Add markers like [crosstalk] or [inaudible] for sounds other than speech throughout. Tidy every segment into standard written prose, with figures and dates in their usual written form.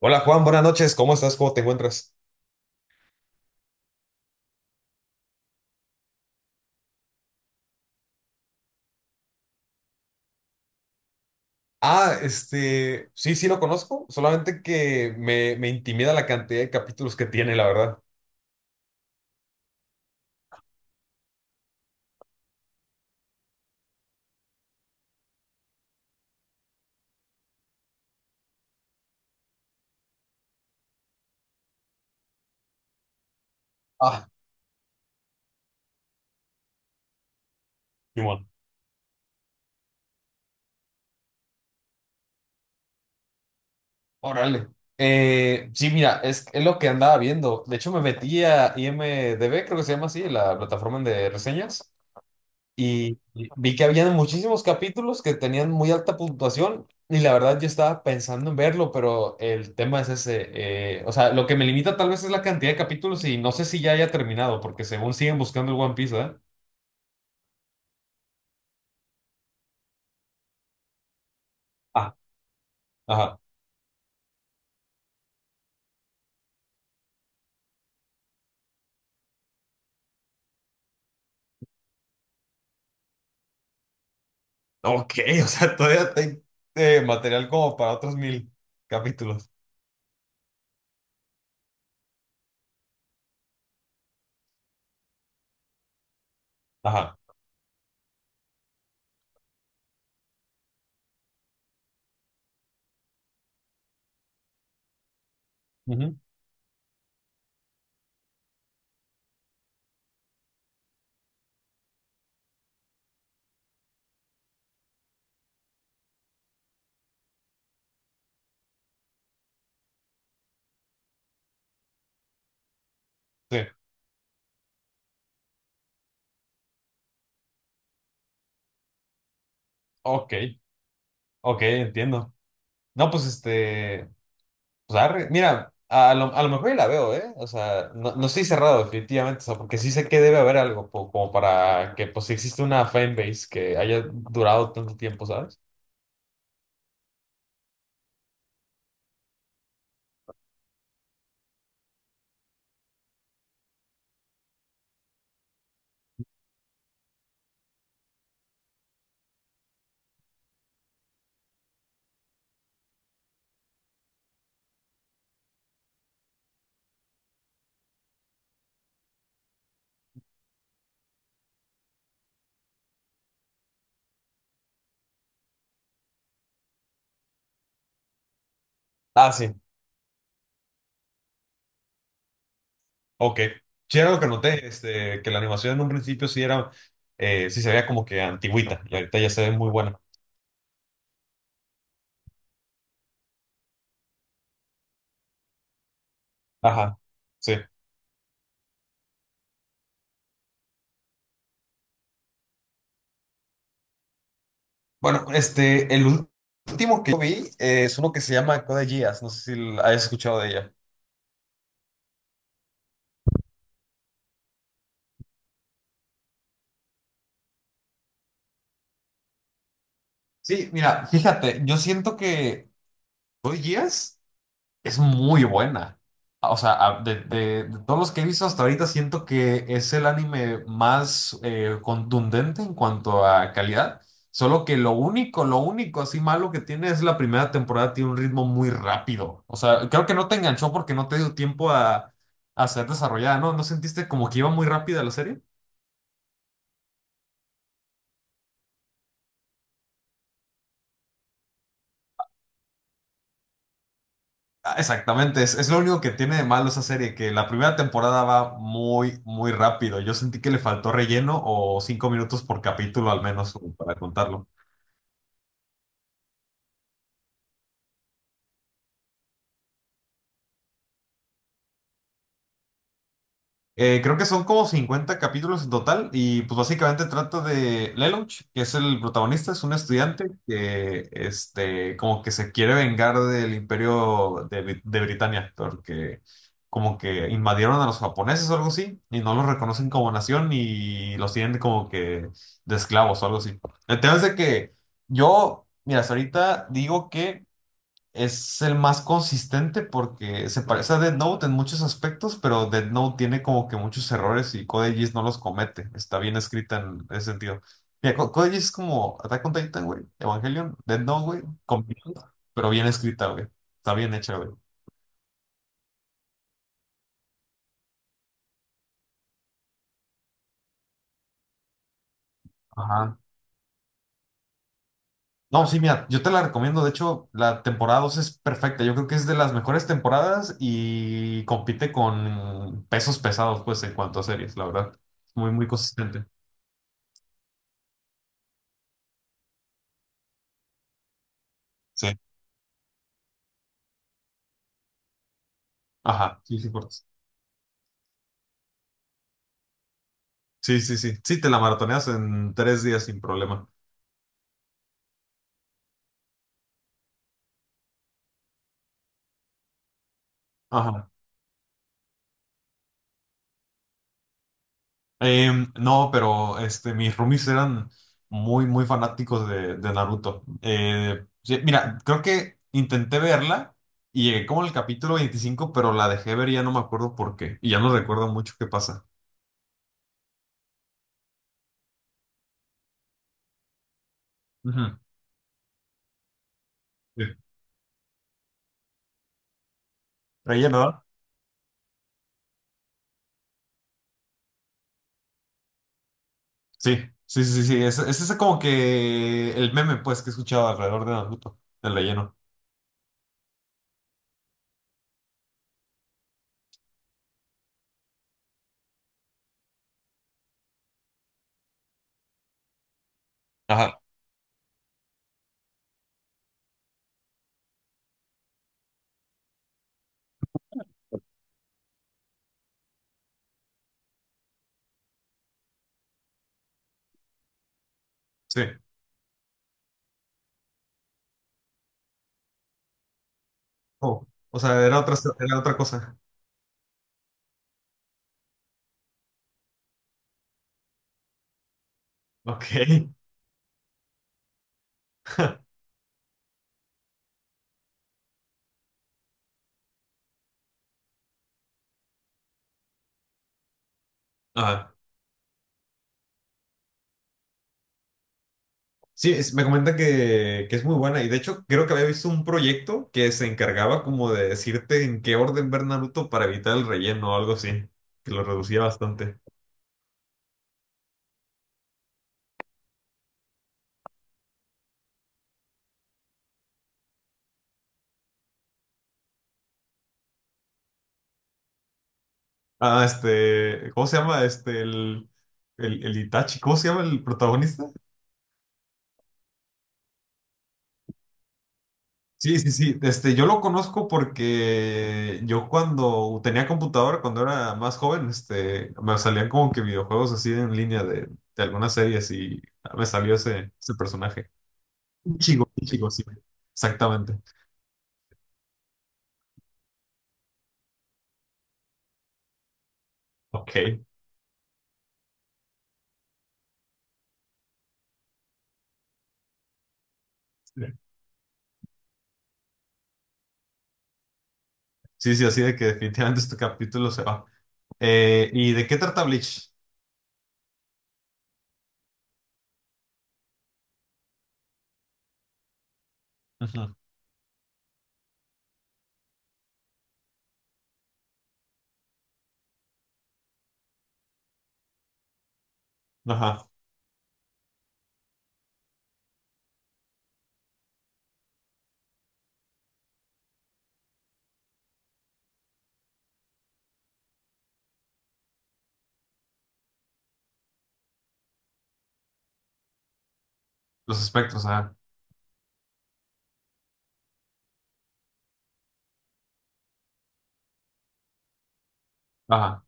Hola Juan, buenas noches, ¿cómo estás? ¿Cómo te encuentras? Sí, sí lo conozco, solamente que me intimida la cantidad de capítulos que tiene, la verdad. Ah, Simón. Órale. Sí, mira, es lo que andaba viendo. De hecho, me metí a IMDb, creo que se llama así, la plataforma de reseñas. Y vi que habían muchísimos capítulos que tenían muy alta puntuación y la verdad yo estaba pensando en verlo, pero el tema es ese. O sea, lo que me limita tal vez es la cantidad de capítulos y no sé si ya haya terminado, porque según siguen buscando el One Piece, ¿eh? Ah, ajá. Ok, [laughs] o sea, todavía hay material como para otros mil capítulos. Ajá. Ujú. Sí. Ok, ok, entiendo. No, pues pues arre, mira, a lo mejor y la veo, ¿eh? O sea, no, no estoy cerrado definitivamente, o sea, porque sí sé que debe haber como para que, pues, si existe una fanbase que haya durado tanto tiempo, ¿sabes? Ah, sí, ok. Sí, era lo que noté, que la animación en un principio sí era, sí se veía como que antigüita, y ahorita ya se ve muy buena. Ajá, sí. Bueno, último que yo vi es uno que se llama Code Geass, no sé si hayas escuchado de ella. Sí, mira, fíjate, yo siento que... ¿Code Geass? Es muy buena. O sea, de todos los que he visto hasta ahorita, siento que es el anime más contundente en cuanto a calidad. Solo que lo único así malo que tiene es la primera temporada, tiene un ritmo muy rápido. O sea, creo que no te enganchó porque no te dio tiempo a ser desarrollada, ¿no? ¿No sentiste como que iba muy rápida la serie? Ah, exactamente, es lo único que tiene de malo esa serie, que la primera temporada va muy, muy rápido. Yo sentí que le faltó relleno o cinco minutos por capítulo al menos como para contarlo. Creo que son como 50 capítulos en total y pues básicamente trata de Lelouch, que es el protagonista, es un estudiante que como que se quiere vengar del imperio de Britania, porque como que invadieron a los japoneses o algo así y no los reconocen como nación y los tienen como que de esclavos o algo así. El tema es de que yo, mira, hasta ahorita digo que... Es el más consistente porque se parece a Death Note en muchos aspectos, pero Death Note tiene como que muchos errores y Code Geass no los comete. Está bien escrita en ese sentido. Mira, Code Geass es como Attack on Titan, güey, Evangelion, Death Note, güey, combinado, pero bien escrita, güey. Está bien hecha, güey. Ajá. No, sí, mira, yo te la recomiendo. De hecho, la temporada 2 es perfecta. Yo creo que es de las mejores temporadas y compite con pesos pesados, pues, en cuanto a series, la verdad. Muy, muy consistente. Sí. Ajá, sí, sí, por sí, sí, sí. Sí, te la maratoneas en tres días sin problema. Ajá. Em, no, pero mis roomies eran muy, muy fanáticos de Naruto. Sí, mira, creo que intenté verla y llegué como al capítulo 25, pero la dejé ver y ya no me acuerdo por qué. Y ya no recuerdo mucho qué pasa. Ujú. Sí. Ella, ¿no? Sí, sí, sí, sí. Es ese como que el meme, pues, que he escuchado alrededor de Naruto, el relleno. Ajá. Sí. Oh, o sea, era otra cosa. Ok. Ajá. Sí, me comenta que es muy buena y de hecho creo que había visto un proyecto que se encargaba como de decirte en qué orden ver Naruto para evitar el relleno o algo así, que lo reducía bastante. Ah, este, ¿cómo se llama? El Itachi, ¿cómo se llama el protagonista? Sí, sí, sí, este, yo lo conozco porque yo cuando tenía computadora, cuando era más joven, este, me salían como que videojuegos así en línea de algunas series y me salió ese personaje. Un chico, sí, exactamente. Ok. Sí, sí, así de que definitivamente este capítulo se va. ¿Y de qué trata Bleach? Ujú. Ajá. Los espectros, ajá. Ajá.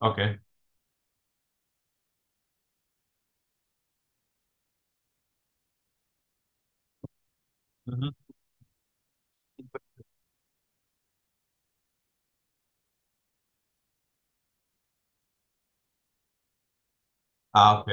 Ok. Ujú. Ah, ok.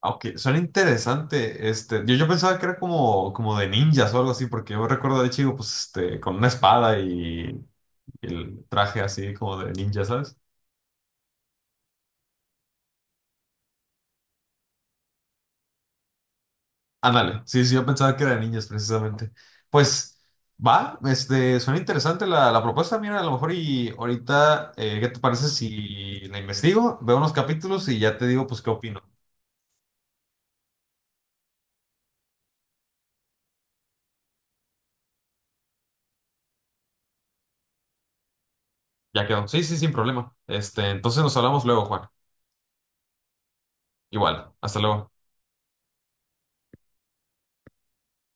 Ah, ok, suena interesante. Este, yo pensaba que era como, como de ninjas o algo así, porque yo recuerdo de chico, pues, este, con una espada y el traje así como de ninja, ¿sabes? Ándale, sí, sí, yo pensaba que era de niños precisamente. Pues va, este, suena interesante la propuesta, mira, a lo mejor y ahorita, ¿qué te parece si la investigo, veo unos capítulos y ya te digo, pues, qué opino? Ya quedó. Sí, sí, sin problema. Este, entonces nos hablamos luego, Juan. Igual, hasta luego.